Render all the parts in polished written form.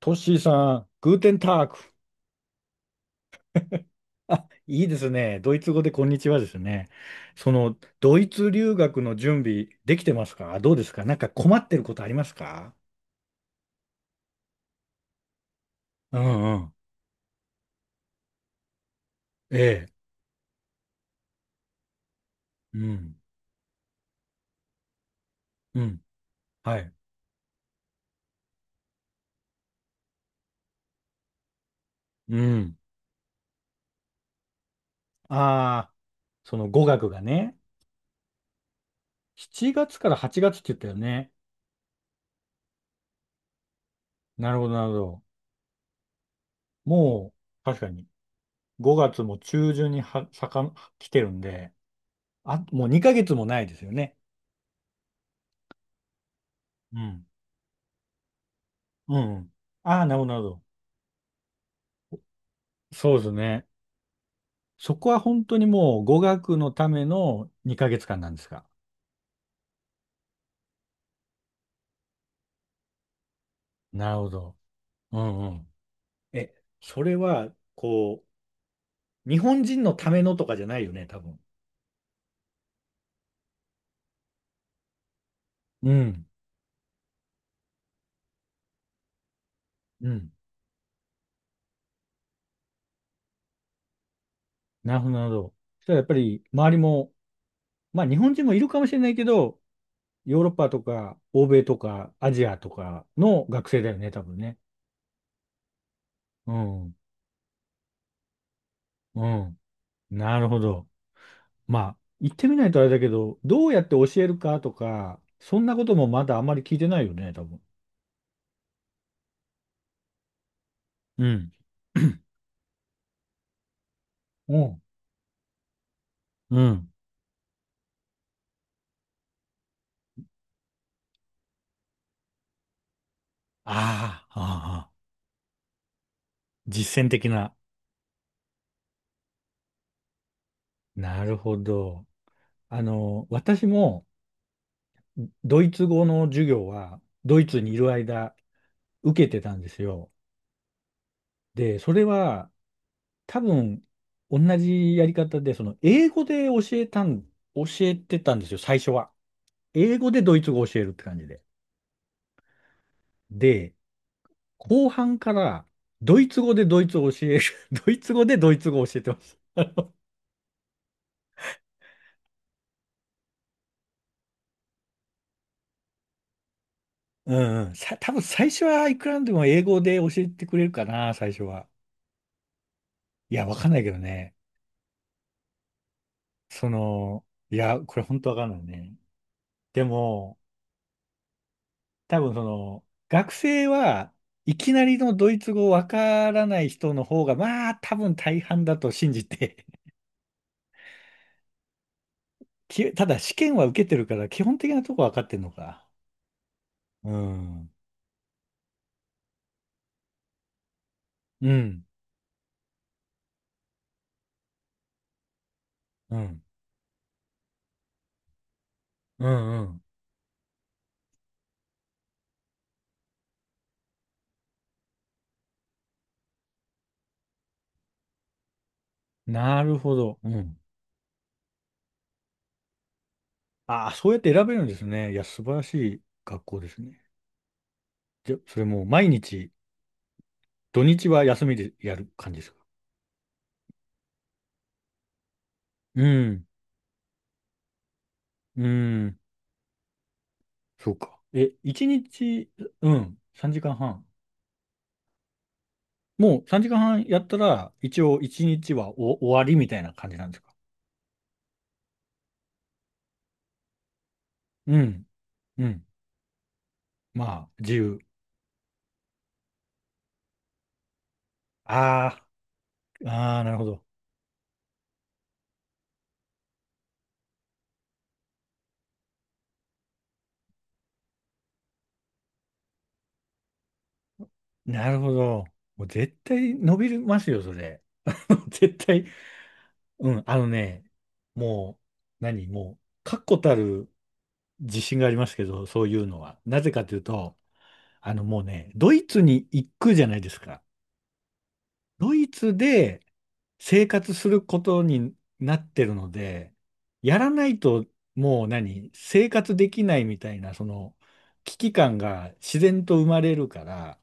トッシーさん、グーテンターク。あ、いいですね。ドイツ語でこんにちはですね。ドイツ留学の準備できてますか？どうですか？なんか困ってることありますか？うんうん。ええ。うん。うん。はい。うん。ああ、その語学がね、7月から8月って言ったよね。なるほど、なるほど。もう、確かに、5月も中旬には、来てるんで、あ、もう2ヶ月もないですよね。うん。うんうん。ああ、なるほど、なるほそうですね。そこは本当にもう語学のための2ヶ月間なんですか。なるほど。うんうん。え、それは、日本人のためのとかじゃないよね、多分。うん。うん。なるほど、なるほど。そしたらやっぱり周りも、まあ日本人もいるかもしれないけど、ヨーロッパとか欧米とかアジアとかの学生だよね、多分ね。うん。うん。なるほど。まあ、言ってみないとあれだけど、どうやって教えるかとか、そんなこともまだあんまり聞いてないよね、多分。うん。うん。うん。ああ、ああ、実践的な。なるほど。私もドイツ語の授業はドイツにいる間受けてたんですよ。で、それは多分同じやり方で、その英語で教えたん、教えてたんですよ、最初は。英語でドイツ語を教えるって感じで。で、後半から、ドイツ語でドイツを教える。ドイツ語でドイツ語を教えてます。うんうん。さ、多分最初はいくらでも英語で教えてくれるかな、最初は。いや、わかんないけどね。その、いや、これ本当わかんないね。でも、多分学生はいきなりのドイツ語わからない人の方が、まあ、多分大半だと信じて。きただ試験は受けてるから、基本的なとこわかってんのか。うん。うん。うん。うんうん。なるほど。うん。ああ、そうやって選べるんですね。いや、素晴らしい学校ですね。じゃ、それもう毎日、土日は休みでやる感じですか？うん。うん。そうか。え、一日、うん、3時間半。もう3時間半やったら、一応一日はお終わりみたいな感じなんですか？うん。うん。まあ、自由。ああ、ああ、なるほど。なるほど。もう絶対伸びますよ、それ。絶対。うん、あのね、もう、何、もう、確固たる自信がありますけど、そういうのは。なぜかというと、あのもうね、ドイツに行くじゃないですか。ドイツで生活することになってるので、やらないともう何、生活できないみたいな、その危機感が自然と生まれるから、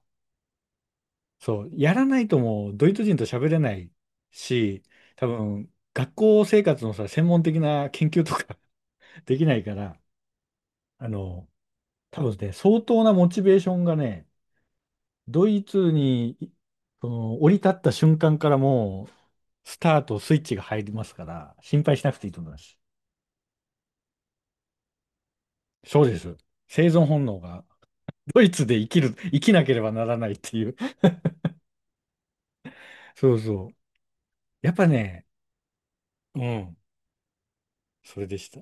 そう、やらないともうドイツ人と喋れないし、多分学校生活のさ、専門的な研究とか できないから、あの、多分ね、相当なモチベーションがね、ドイツにいその降り立った瞬間からもう、スタートスイッチが入りますから、心配しなくていいと思います。そうです。生存本能が、ドイツで生きる、生きなければならないっていう。そうそう。やっぱね、うん、それでした。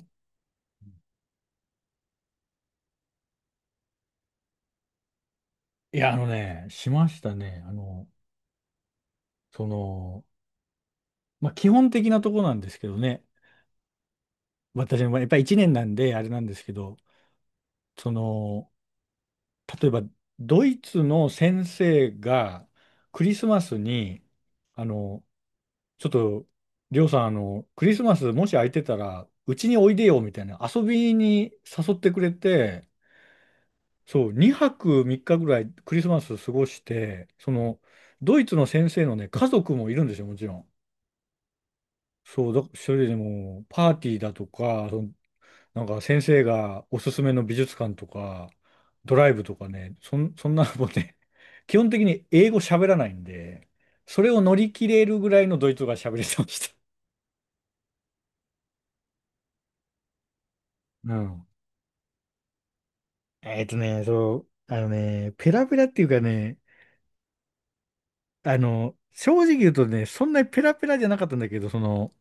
いや、あのね、しましたね。その、まあ、基本的なとこなんですけどね。私の場合、やっぱり1年なんで、あれなんですけど、その、例えば、ドイツの先生が、クリスマスに、あの、ちょっと、りょうさん、あの、クリスマスもし空いてたら、うちにおいでよ、みたいな、遊びに誘ってくれて、そう、2泊3日ぐらいクリスマス過ごして、その、ドイツの先生のね、家族もいるんですよ、もちろん。それでも、パーティーだとか、その、なんか先生がおすすめの美術館とか、ドライブとかね、そんなのもね、基本的に英語喋らないんで、それを乗り切れるぐらいのドイツ語が喋れてました。うん。えっとね、そう、あのね、ペラペラっていうかね、あの、正直言うとね、そんなにペラペラじゃなかったんだけど、その、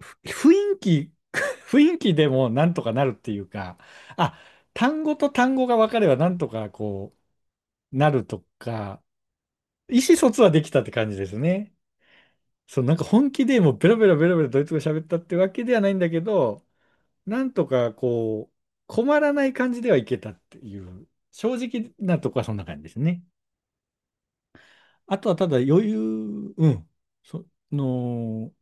ふ雰囲気、雰囲気でもなんとかなるっていうか、あ、単語と単語が分かればなんとかなるとか、意思疎通はできたって感じですね。そう、なんか本気でもうベラベラベラベラドイツ語喋ったってわけではないんだけど、なんとかこう、困らない感じではいけたっていう、正直なとこはそんな感じですね。あとはただ余裕、うん、その、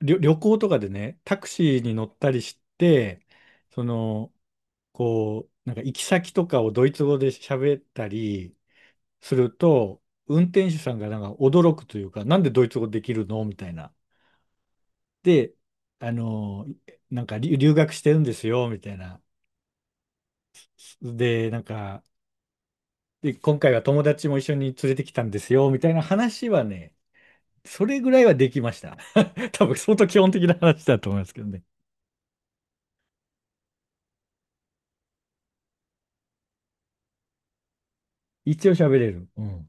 旅行とかでね、タクシーに乗ったりして、その、こう、なんか行き先とかをドイツ語で喋ったりすると、運転手さんがなんか驚くというか、なんでドイツ語できるのみたいな。で、あの、なんか留学してるんですよ、みたいな。で、なんか、で、今回は友達も一緒に連れてきたんですよ、みたいな話はね、それぐらいはできました。多分相当基本的な話だと思いますけどね。一応喋れる。うん。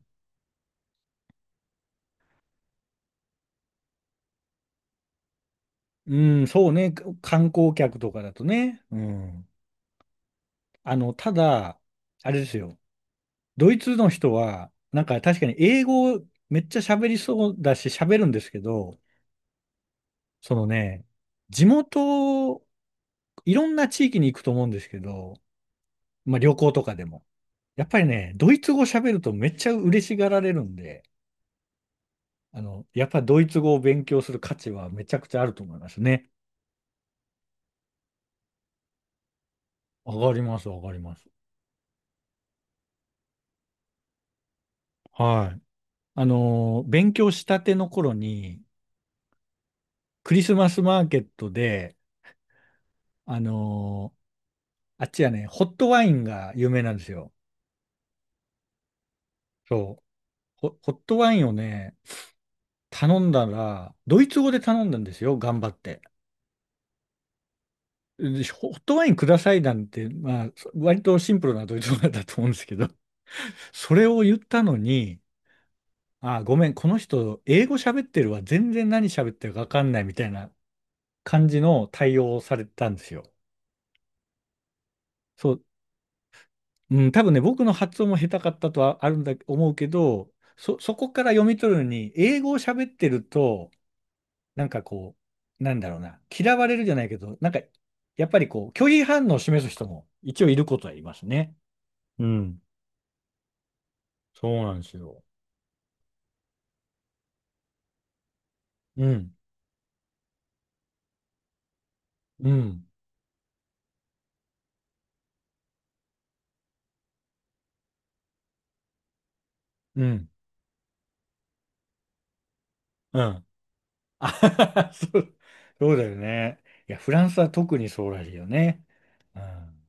うん、そうね。観光客とかだとね。うん。あの、ただ、あれですよ。ドイツの人は、なんか確かに英語めっちゃ喋りそうだし喋るんですけど、そのね、地元、いろんな地域に行くと思うんですけど、まあ旅行とかでも。やっぱりね、ドイツ語喋るとめっちゃ嬉しがられるんで、あの、やっぱドイツ語を勉強する価値はめちゃくちゃあると思いますね。わかります、わかります。はい。あのー、勉強したての頃に、クリスマスマーケットで、あのー、あっちはね、ホットワインが有名なんですよ。そう。ホットワインをね、頼んだら、ドイツ語で頼んだんですよ、頑張って。でホットワインくださいなんて、まあ、そ割とシンプルなドイツ語だと思うんですけど、それを言ったのに、あ、ごめん、この人、英語喋ってるわ、全然何喋ってるか分かんないみたいな感じの対応をされたんですよ。そう、うん、多分ね、僕の発音も下手かったとはあるんだ、思うけど、そこから読み取るのに、英語を喋ってると、なんかこう、なんだろうな、嫌われるじゃないけど、なんか、やっぱりこう、拒否反応を示す人も一応いることはいますね。うん。そうなんですよ。うん。うん。うん。うん。あ そう、そうだよね。いや、フランスは特にそうらしいよね。うん。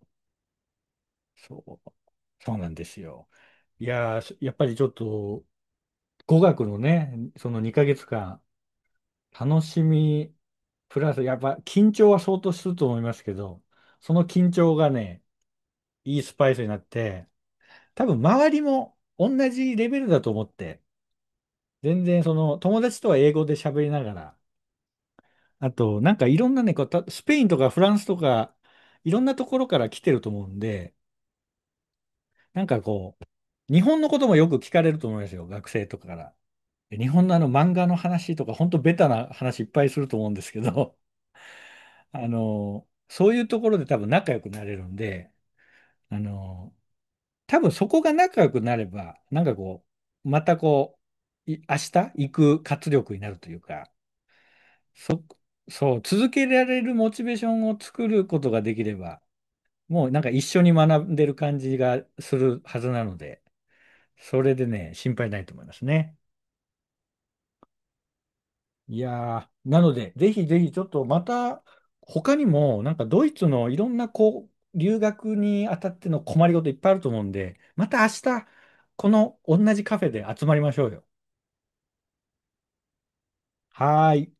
そう。そうなんですよ。いやー、やっぱりちょっと、語学のね、その2ヶ月間、楽しみ、プラス、やっぱ緊張は相当すると思いますけど、その緊張がね、いいスパイスになって、多分周りも同じレベルだと思って、全然その友達とは英語で喋りながら、あとなんかいろんなね、こうたスペインとかフランスとか、いろんなところから来てると思うんで、なんかこう、日本のこともよく聞かれると思いますよ、学生とかから。で日本のあの漫画の話とか、ほんとベタな話いっぱいすると思うんですけど、あの、そういうところで多分仲良くなれるんで、あの、多分そこが仲良くなれば、なんかこう、また明日行く活力になるというか、そ、そう、続けられるモチベーションを作ることができれば、もうなんか一緒に学んでる感じがするはずなので、それでね、心配ないと思いますね。いやー、なので、ぜひぜひちょっとまた、他にも、なんかドイツのいろんな留学にあたっての困りごといっぱいあると思うんで、また明日、この同じカフェで集まりましょうよ。はーい。